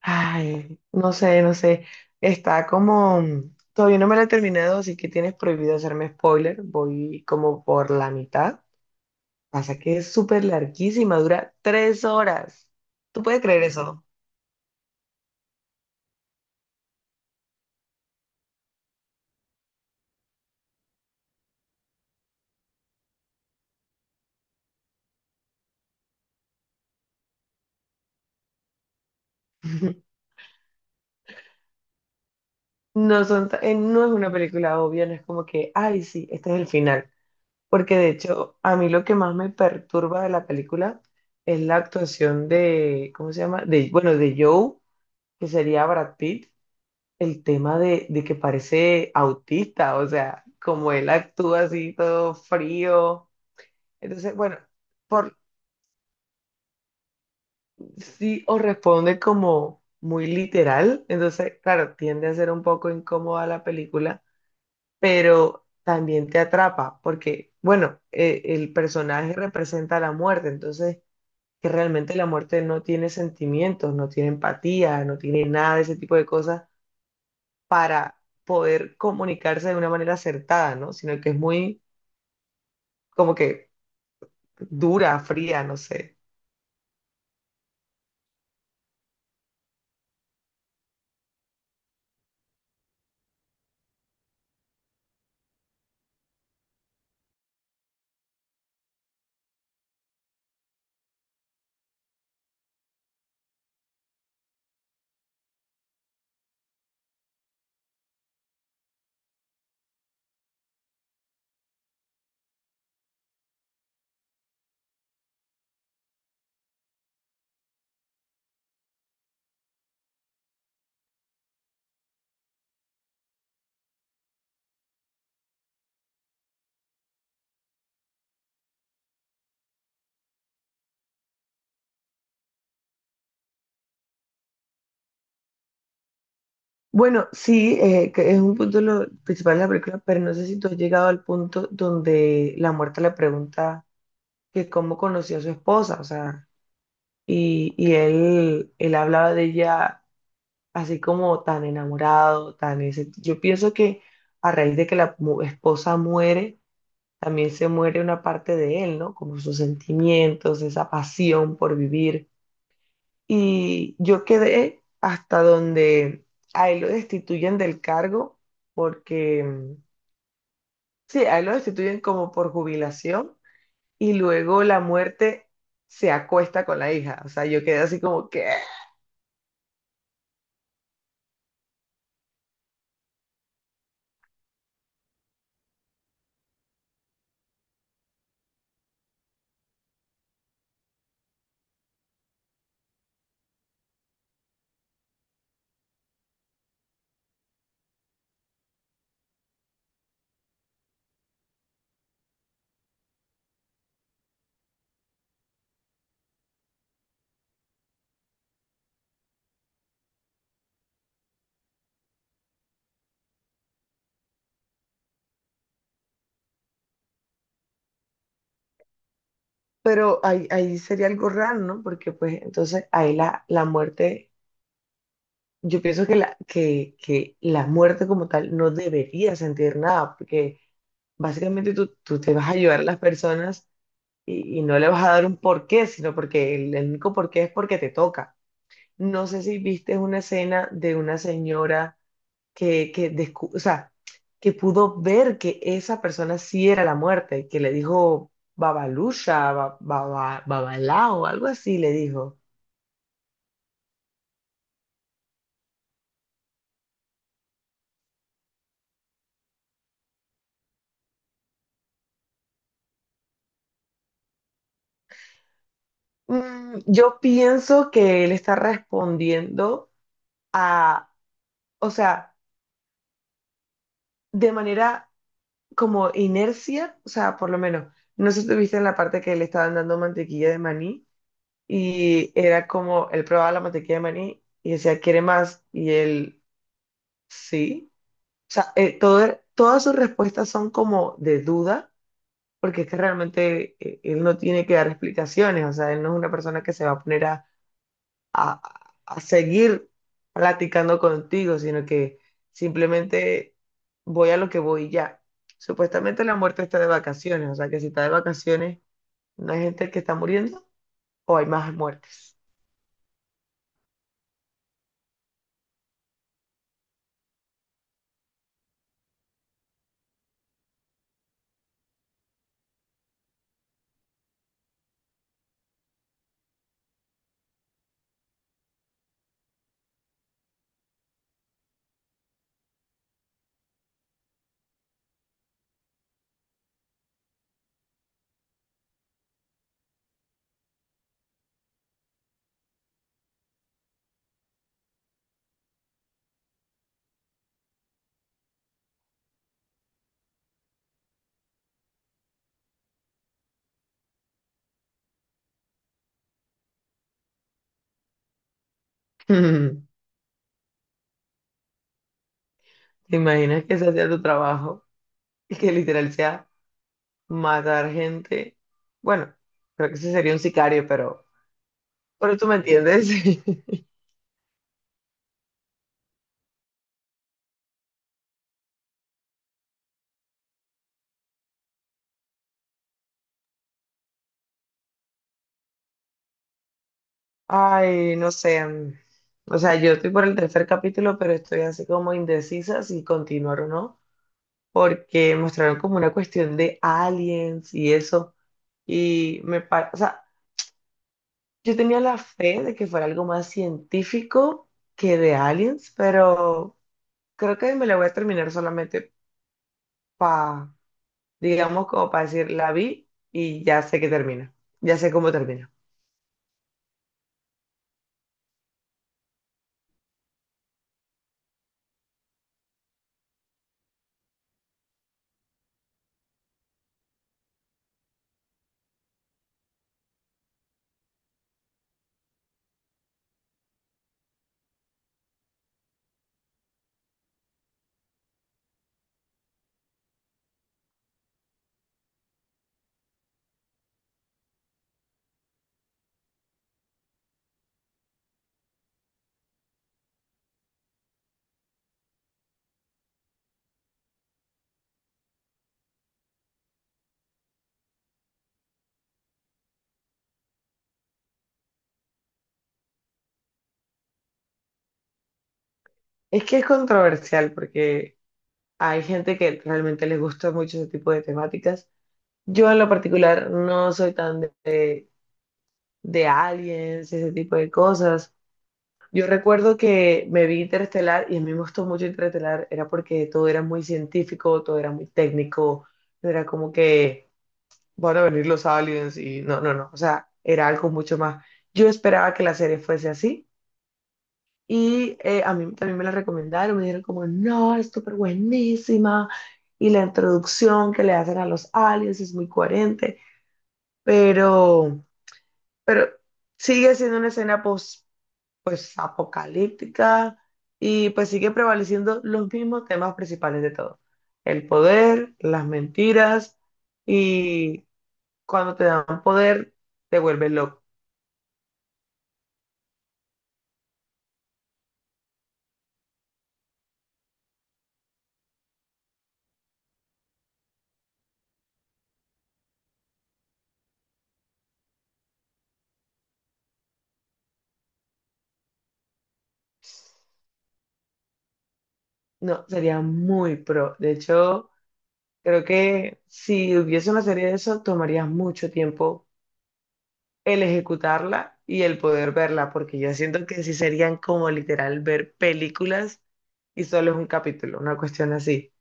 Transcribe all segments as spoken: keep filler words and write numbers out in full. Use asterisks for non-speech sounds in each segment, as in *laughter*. Ay, no sé, no sé. Está como. mm, Todavía no me la he terminado, así que tienes prohibido hacerme spoiler. Voy como por la mitad. Pasa que es súper larguísima, dura tres horas. ¿Tú puedes creer eso? *laughs* No son, ta- eh, no es una película obvia, no es como que, ay, sí, este es el final. Porque de hecho, a mí lo que más me perturba de la película es la actuación de, ¿cómo se llama? De, bueno, de Joe, que sería Brad Pitt. El tema de, de que parece autista, o sea, como él actúa así todo frío. Entonces, bueno, por sí o responde como muy literal. Entonces, claro, tiende a ser un poco incómoda la película, pero también te atrapa, porque, bueno, eh, el personaje representa la muerte. Entonces, que realmente la muerte no tiene sentimientos, no tiene empatía, no tiene nada de ese tipo de cosas, poder comunicarse de una manera acertada, ¿no? Sino que es muy como que dura, fría, no sé. Bueno, sí, eh, que es un punto lo principal de la película, pero no sé si tú has llegado al punto donde la muerta le pregunta que cómo conoció a su esposa. O sea, y, y él, él hablaba de ella así como tan enamorado, tan ese. Yo pienso que a raíz de que la mu- esposa muere, también se muere una parte de él, ¿no? Como sus sentimientos, esa pasión por vivir. Y yo quedé hasta donde a él lo destituyen del cargo porque, mm, sí, a él lo destituyen como por jubilación. Y luego la muerte se acuesta con la hija. O sea, yo quedé así como que, pero ahí, ahí sería algo raro, ¿no? Porque pues entonces ahí la, la muerte, yo pienso que la, que, que la muerte como tal no debería sentir nada, porque básicamente tú, tú te vas a ayudar a las personas y, y no le vas a dar un porqué, sino porque el, el único porqué es porque te toca. No sé si viste una escena de una señora que, que, descu- o sea, que pudo ver que esa persona sí era la muerte, que le dijo Babalusha, ba- baba- Babalao, algo así le dijo. Mm, yo pienso que él está respondiendo a, o sea, de manera como inercia. O sea, por lo menos, no sé si tuviste en la parte que le estaban dando mantequilla de maní. Y era como, él probaba la mantequilla de maní y decía, ¿quiere más? Y él, sí. O sea, eh, todo, era- todas sus respuestas son como de duda, porque es que realmente, eh, él no tiene que dar explicaciones. O sea, él no es una persona que se va a poner a, a, a seguir platicando contigo, sino que simplemente voy a lo que voy y ya. Supuestamente la muerte está de vacaciones, o sea, que si está de vacaciones, ¿no hay gente que está muriendo o hay más muertes? *laughs* ¿Te imaginas que ese sea tu trabajo y que literal sea matar gente? Bueno, creo que ese sería un sicario, pero, pero, tú me entiendes. *laughs* Ay, no sé. mm, O sea, yo estoy por el tercer capítulo, pero estoy así como indecisa si continuar o no, porque mostraron como una cuestión de aliens y eso. Y me pa- o sea, yo tenía la fe de que fuera algo más científico que de aliens, pero creo que me la voy a terminar solamente para, digamos, como para decir, la vi y ya sé que termina, ya sé cómo termina. Es que es controversial porque hay gente que realmente les gusta mucho ese tipo de temáticas. Yo en lo particular no soy tan de, de, de aliens, ese tipo de cosas. Yo recuerdo que me vi Interestelar y a mí me gustó mucho Interestelar, era porque todo era muy científico, todo era muy técnico. No era como que van a venir los aliens y no, no, no, o sea, era algo mucho más. Yo esperaba que la serie fuese así. Y eh, a mí también me la recomendaron, me dijeron como, no, es súper buenísima. Y la introducción que le hacen a los aliens es muy coherente, pero, pero, sigue siendo una escena post, pues apocalíptica. Y pues sigue prevaleciendo los mismos temas principales de todo. El poder, las mentiras, y cuando te dan poder te vuelves loco. No, sería muy pro. De hecho. Creo que si hubiese una serie de eso, tomaría mucho tiempo el ejecutarla y el poder verla, porque yo siento que sí serían como literal ver películas y solo es un capítulo, una cuestión así.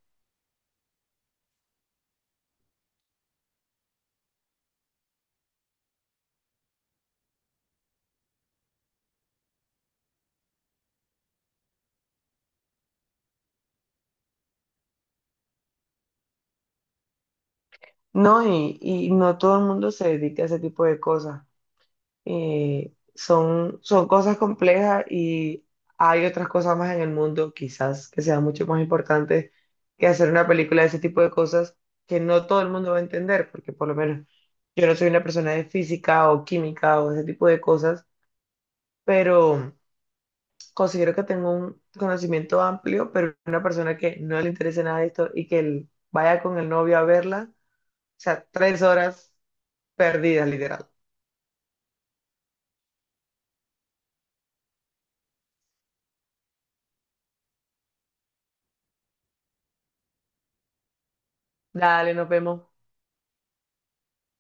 No, y, y no todo el mundo se dedica a ese tipo de cosas. Eh, son, son cosas complejas, y hay otras cosas más en el mundo, quizás, que sean mucho más importantes que hacer una película de ese tipo de cosas que no todo el mundo va a entender, porque por lo menos yo no soy una persona de física o química o ese tipo de cosas, pero considero que tengo un conocimiento amplio, pero una persona que no le interese nada de esto y que él vaya con el novio a verla, o sea, tres horas perdidas, literal. Dale, nos vemos.